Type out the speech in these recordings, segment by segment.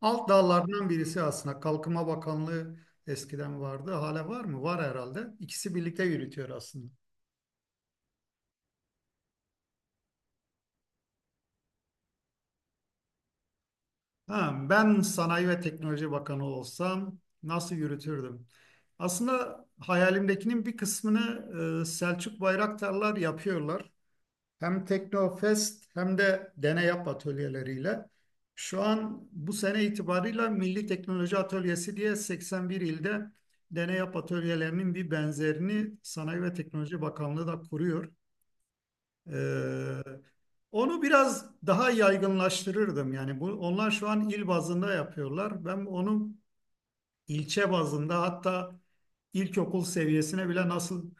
Alt dallardan birisi aslında. Kalkınma Bakanlığı eskiden vardı. Hala var mı? Var herhalde. İkisi birlikte yürütüyor aslında. Ha, ben Sanayi ve Teknoloji Bakanı olsam nasıl yürütürdüm? Aslında hayalimdekinin bir kısmını Selçuk Bayraktarlar yapıyorlar. Hem Teknofest hem de Deney Yap atölyeleriyle. Şu an bu sene itibarıyla Milli Teknoloji Atölyesi diye 81 ilde Deney Yap atölyelerinin bir benzerini Sanayi ve Teknoloji Bakanlığı da kuruyor. Ee, onu biraz daha yaygınlaştırırdım. Yani bu, onlar şu an il bazında yapıyorlar. Ben onu İlçe bazında, hatta ilkokul seviyesine bile nasıl,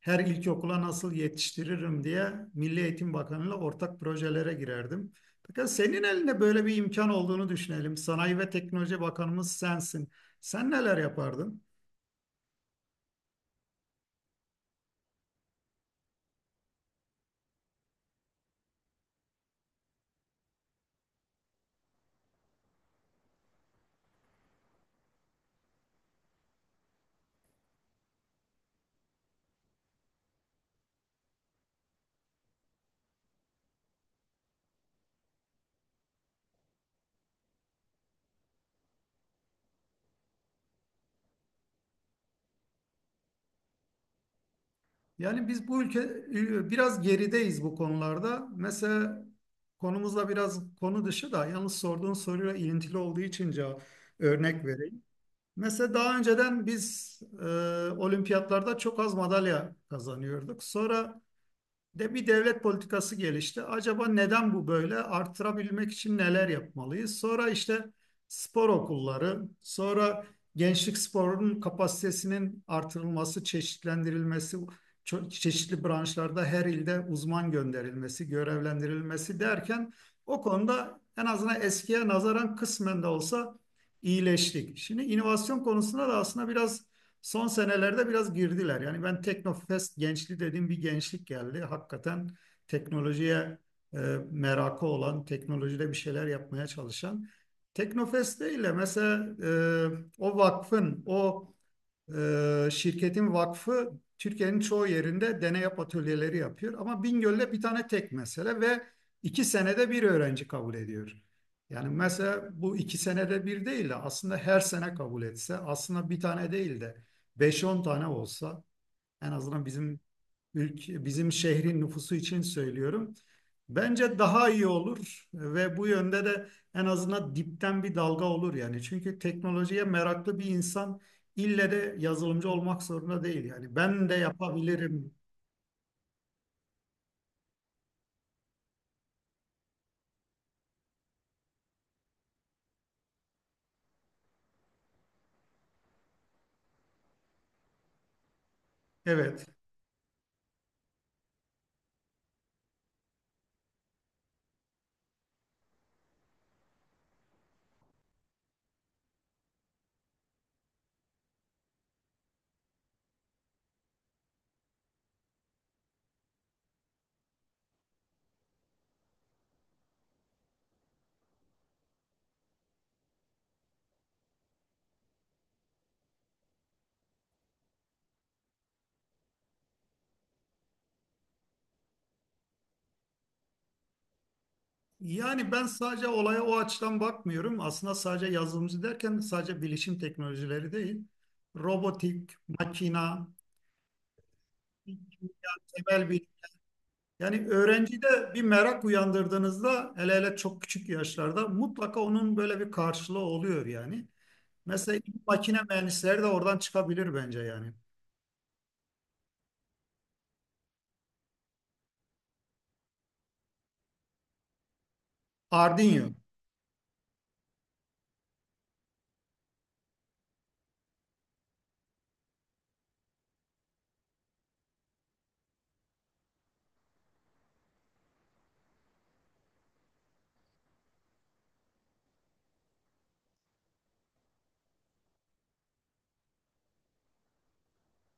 her ilkokula nasıl yetiştiririm diye Milli Eğitim Bakanı'yla ortak projelere girerdim. Fakat senin elinde böyle bir imkan olduğunu düşünelim. Sanayi ve Teknoloji Bakanımız sensin. Sen neler yapardın? Yani biz bu ülke biraz gerideyiz bu konularda. Mesela konumuzla biraz konu dışı da yalnız sorduğun soruyla ilintili olduğu için cevap örnek vereyim. Mesela daha önceden biz olimpiyatlarda çok az madalya kazanıyorduk. Sonra de bir devlet politikası gelişti. Acaba neden bu böyle? Artırabilmek için neler yapmalıyız? Sonra işte spor okulları, sonra gençlik sporunun kapasitesinin artırılması, çeşitlendirilmesi, çeşitli branşlarda her ilde uzman gönderilmesi, görevlendirilmesi derken o konuda en azından eskiye nazaran kısmen de olsa iyileştik. Şimdi inovasyon konusunda da aslında biraz son senelerde biraz girdiler. Yani ben Teknofest gençliği dediğim bir gençlik geldi. Hakikaten teknolojiye e, merakı olan, teknolojide bir şeyler yapmaya çalışan. Teknofest değil de mesela o vakfın, o şirketin vakfı Türkiye'nin çoğu yerinde deney yap atölyeleri yapıyor. Ama Bingöl'de bir tane tek mesele ve iki senede bir öğrenci kabul ediyor. Yani mesela bu iki senede bir değil de aslında her sene kabul etse, aslında bir tane değil de beş on tane olsa en azından bizim ülke, bizim şehrin nüfusu için söylüyorum. Bence daha iyi olur ve bu yönde de en azından dipten bir dalga olur yani. Çünkü teknolojiye meraklı bir insan ille de yazılımcı olmak zorunda değil yani. Ben de yapabilirim. Evet. Yani ben sadece olaya o açıdan bakmıyorum. Aslında sadece yazılımcı derken sadece bilişim teknolojileri değil. Robotik, makina, kimya, temel. Yani öğrencide bir merak uyandırdığınızda hele hele çok küçük yaşlarda mutlaka onun böyle bir karşılığı oluyor yani. Mesela makine mühendisleri de oradan çıkabilir bence yani. Arduino.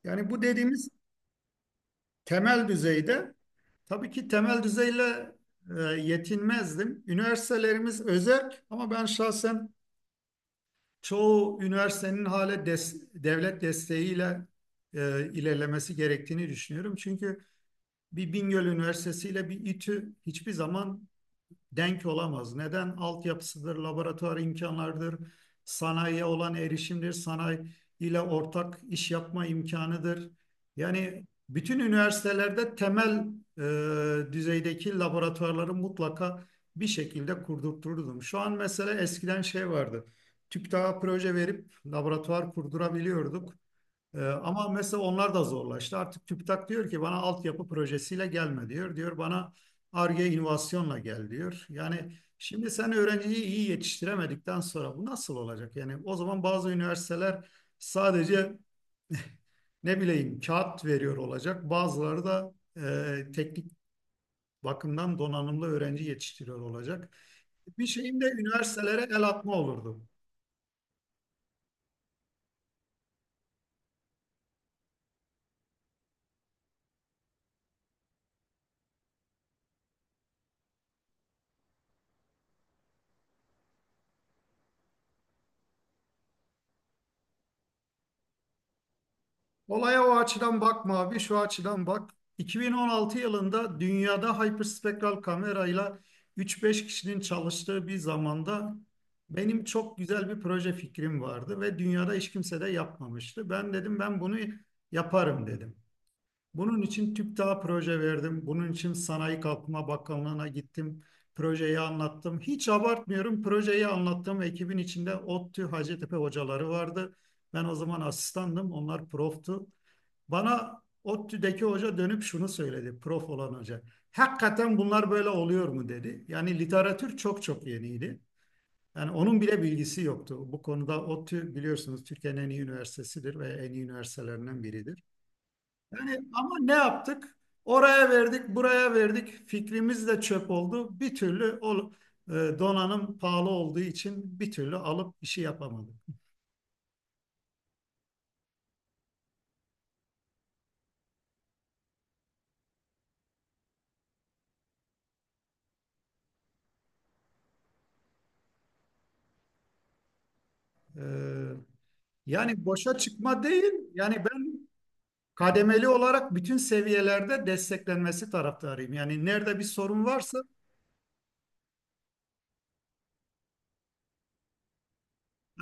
Yani bu dediğimiz temel düzeyde tabii ki temel düzeyle yetinmezdim. Üniversitelerimiz özel ama ben şahsen çoğu üniversitenin hala devlet desteğiyle ilerlemesi gerektiğini düşünüyorum. Çünkü bir Bingöl Üniversitesi ile bir İTÜ hiçbir zaman denk olamaz. Neden? Altyapısıdır, laboratuvar imkanlarıdır, sanayiye olan erişimdir, sanayi ile ortak iş yapma imkanıdır. Yani bütün üniversitelerde temel düzeydeki laboratuvarları mutlaka bir şekilde kurdurturdum. Şu an mesela eskiden şey vardı. TÜBİTAK'a proje verip laboratuvar kurdurabiliyorduk. Ama mesela onlar da zorlaştı. Artık TÜBİTAK diyor ki bana altyapı projesiyle gelme diyor. Diyor bana Ar-Ge inovasyonla gel diyor. Yani şimdi sen öğrenciyi iyi yetiştiremedikten sonra bu nasıl olacak? Yani o zaman bazı üniversiteler sadece ne bileyim kağıt veriyor olacak. Bazıları da teknik bakımdan donanımlı öğrenci yetiştiriyor olacak. Bir şeyin de üniversitelere el atma olurdu. Olaya o açıdan bakma abi, şu açıdan bak. 2016 yılında dünyada hyperspektral kamerayla 3-5 kişinin çalıştığı bir zamanda benim çok güzel bir proje fikrim vardı ve dünyada hiç kimse de yapmamıştı. Ben dedim ben bunu yaparım dedim. Bunun için TÜBİTAK'a proje verdim. Bunun için Sanayi Kalkınma Bakanlığı'na gittim. Projeyi anlattım. Hiç abartmıyorum. Projeyi anlattığım ekibin içinde ODTÜ, Hacettepe hocaları vardı. Ben o zaman asistandım. Onlar proftu. Bana ODTÜ'deki hoca dönüp şunu söyledi. Prof olan hoca. Hakikaten bunlar böyle oluyor mu dedi. Yani literatür çok çok yeniydi. Yani onun bile bilgisi yoktu. Bu konuda ODTÜ biliyorsunuz Türkiye'nin en iyi üniversitesidir ve en iyi üniversitelerinden biridir. Ama ne yaptık? Oraya verdik, buraya verdik. Fikrimiz de çöp oldu. Bir türlü o e, donanım pahalı olduğu için bir türlü alıp işi yapamadık. E, yani boşa çıkma değil. Yani ben kademeli olarak bütün seviyelerde desteklenmesi taraftarıyım. Yani nerede bir sorun varsa...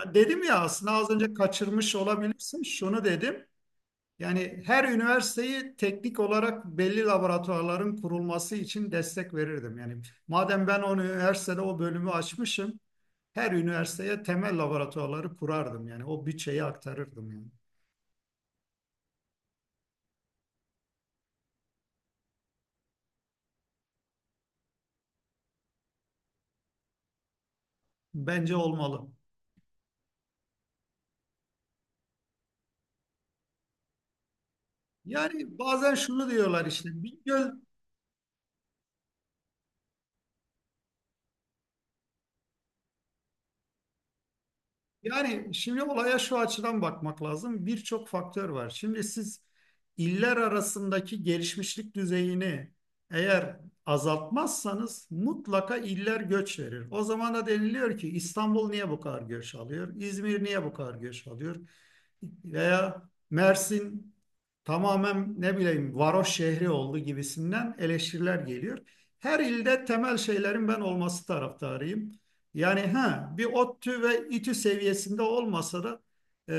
Ya dedim ya aslında az önce kaçırmış olabilirsin. Şunu dedim. Yani her üniversiteyi teknik olarak belli laboratuvarların kurulması için destek verirdim. Yani madem ben o üniversitede o bölümü açmışım, her üniversiteye temel laboratuvarları kurardım. Yani o bütçeyi aktarırdım yani. Bence olmalı. Yani bazen şunu diyorlar işte Bingöl... Yani şimdi olaya şu açıdan bakmak lazım. Birçok faktör var. Şimdi siz iller arasındaki gelişmişlik düzeyini eğer azaltmazsanız mutlaka iller göç verir. O zaman da deniliyor ki İstanbul niye bu kadar göç alıyor? İzmir niye bu kadar göç alıyor? Veya Mersin tamamen ne bileyim varoş şehri oldu gibisinden eleştiriler geliyor. Her ilde temel şeylerin ben olması taraftarıyım. Yani ha bir ODTÜ ve İTÜ seviyesinde olmasa da e,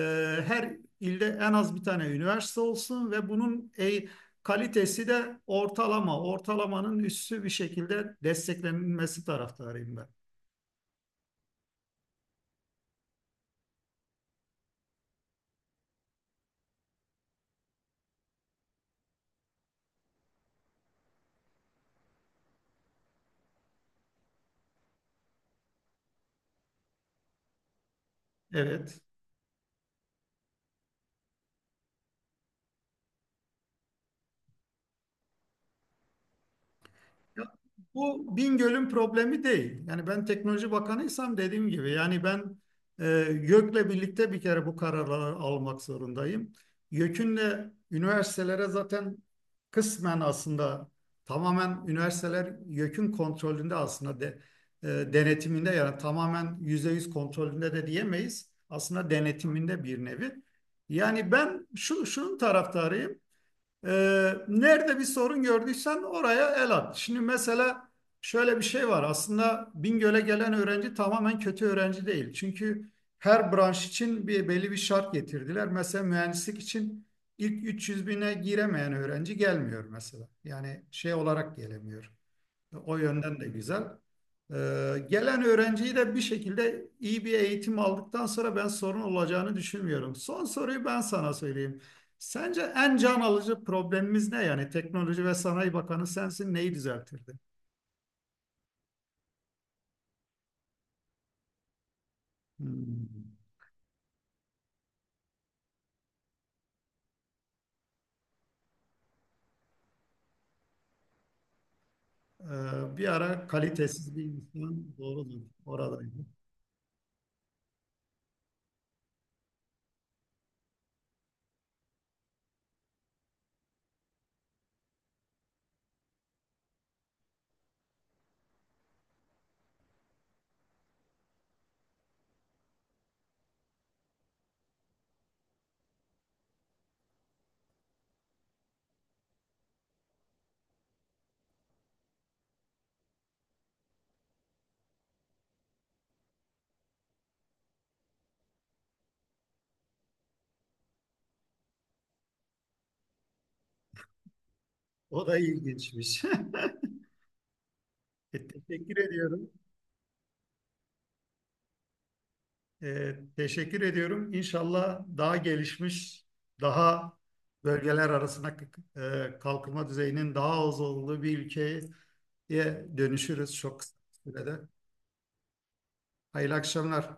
her ilde en az bir tane üniversite olsun ve bunun kalitesi de ortalama, ortalamanın üstü bir şekilde desteklenilmesi taraftarıyım ben. Evet. Ya, bu Bingöl'ün problemi değil. Yani ben teknoloji bakanıysam dediğim gibi yani ben e, YÖK'le birlikte bir kere bu kararları almak zorundayım. YÖK'ünle üniversitelere zaten kısmen aslında tamamen üniversiteler YÖK'ün kontrolünde aslında e, denetiminde yani tamamen %100 kontrolünde de diyemeyiz. Aslında denetiminde bir nevi. Yani ben şu, şunun taraftarıyım. Nerede bir sorun gördüysen oraya el at. Şimdi mesela şöyle bir şey var. Aslında Bingöl'e gelen öğrenci tamamen kötü öğrenci değil. Çünkü her branş için bir belli bir şart getirdiler. Mesela mühendislik için ilk 300 bine giremeyen öğrenci gelmiyor mesela. Yani şey olarak gelemiyor. O yönden de güzel. Gelen öğrenciyi de bir şekilde iyi bir eğitim aldıktan sonra ben sorun olacağını düşünmüyorum. Son soruyu ben sana söyleyeyim. Sence en can alıcı problemimiz ne? Yani Teknoloji ve Sanayi Bakanı sensin neyi düzeltirdi? Hmm. Bir ara kalitesiz bir insan doğrudur oradaydı. O da ilginçmiş. teşekkür ediyorum. Teşekkür ediyorum. İnşallah daha gelişmiş, daha bölgeler arasında kalkınma düzeyinin daha az olduğu bir ülkeye dönüşürüz çok kısa sürede. Hayırlı akşamlar.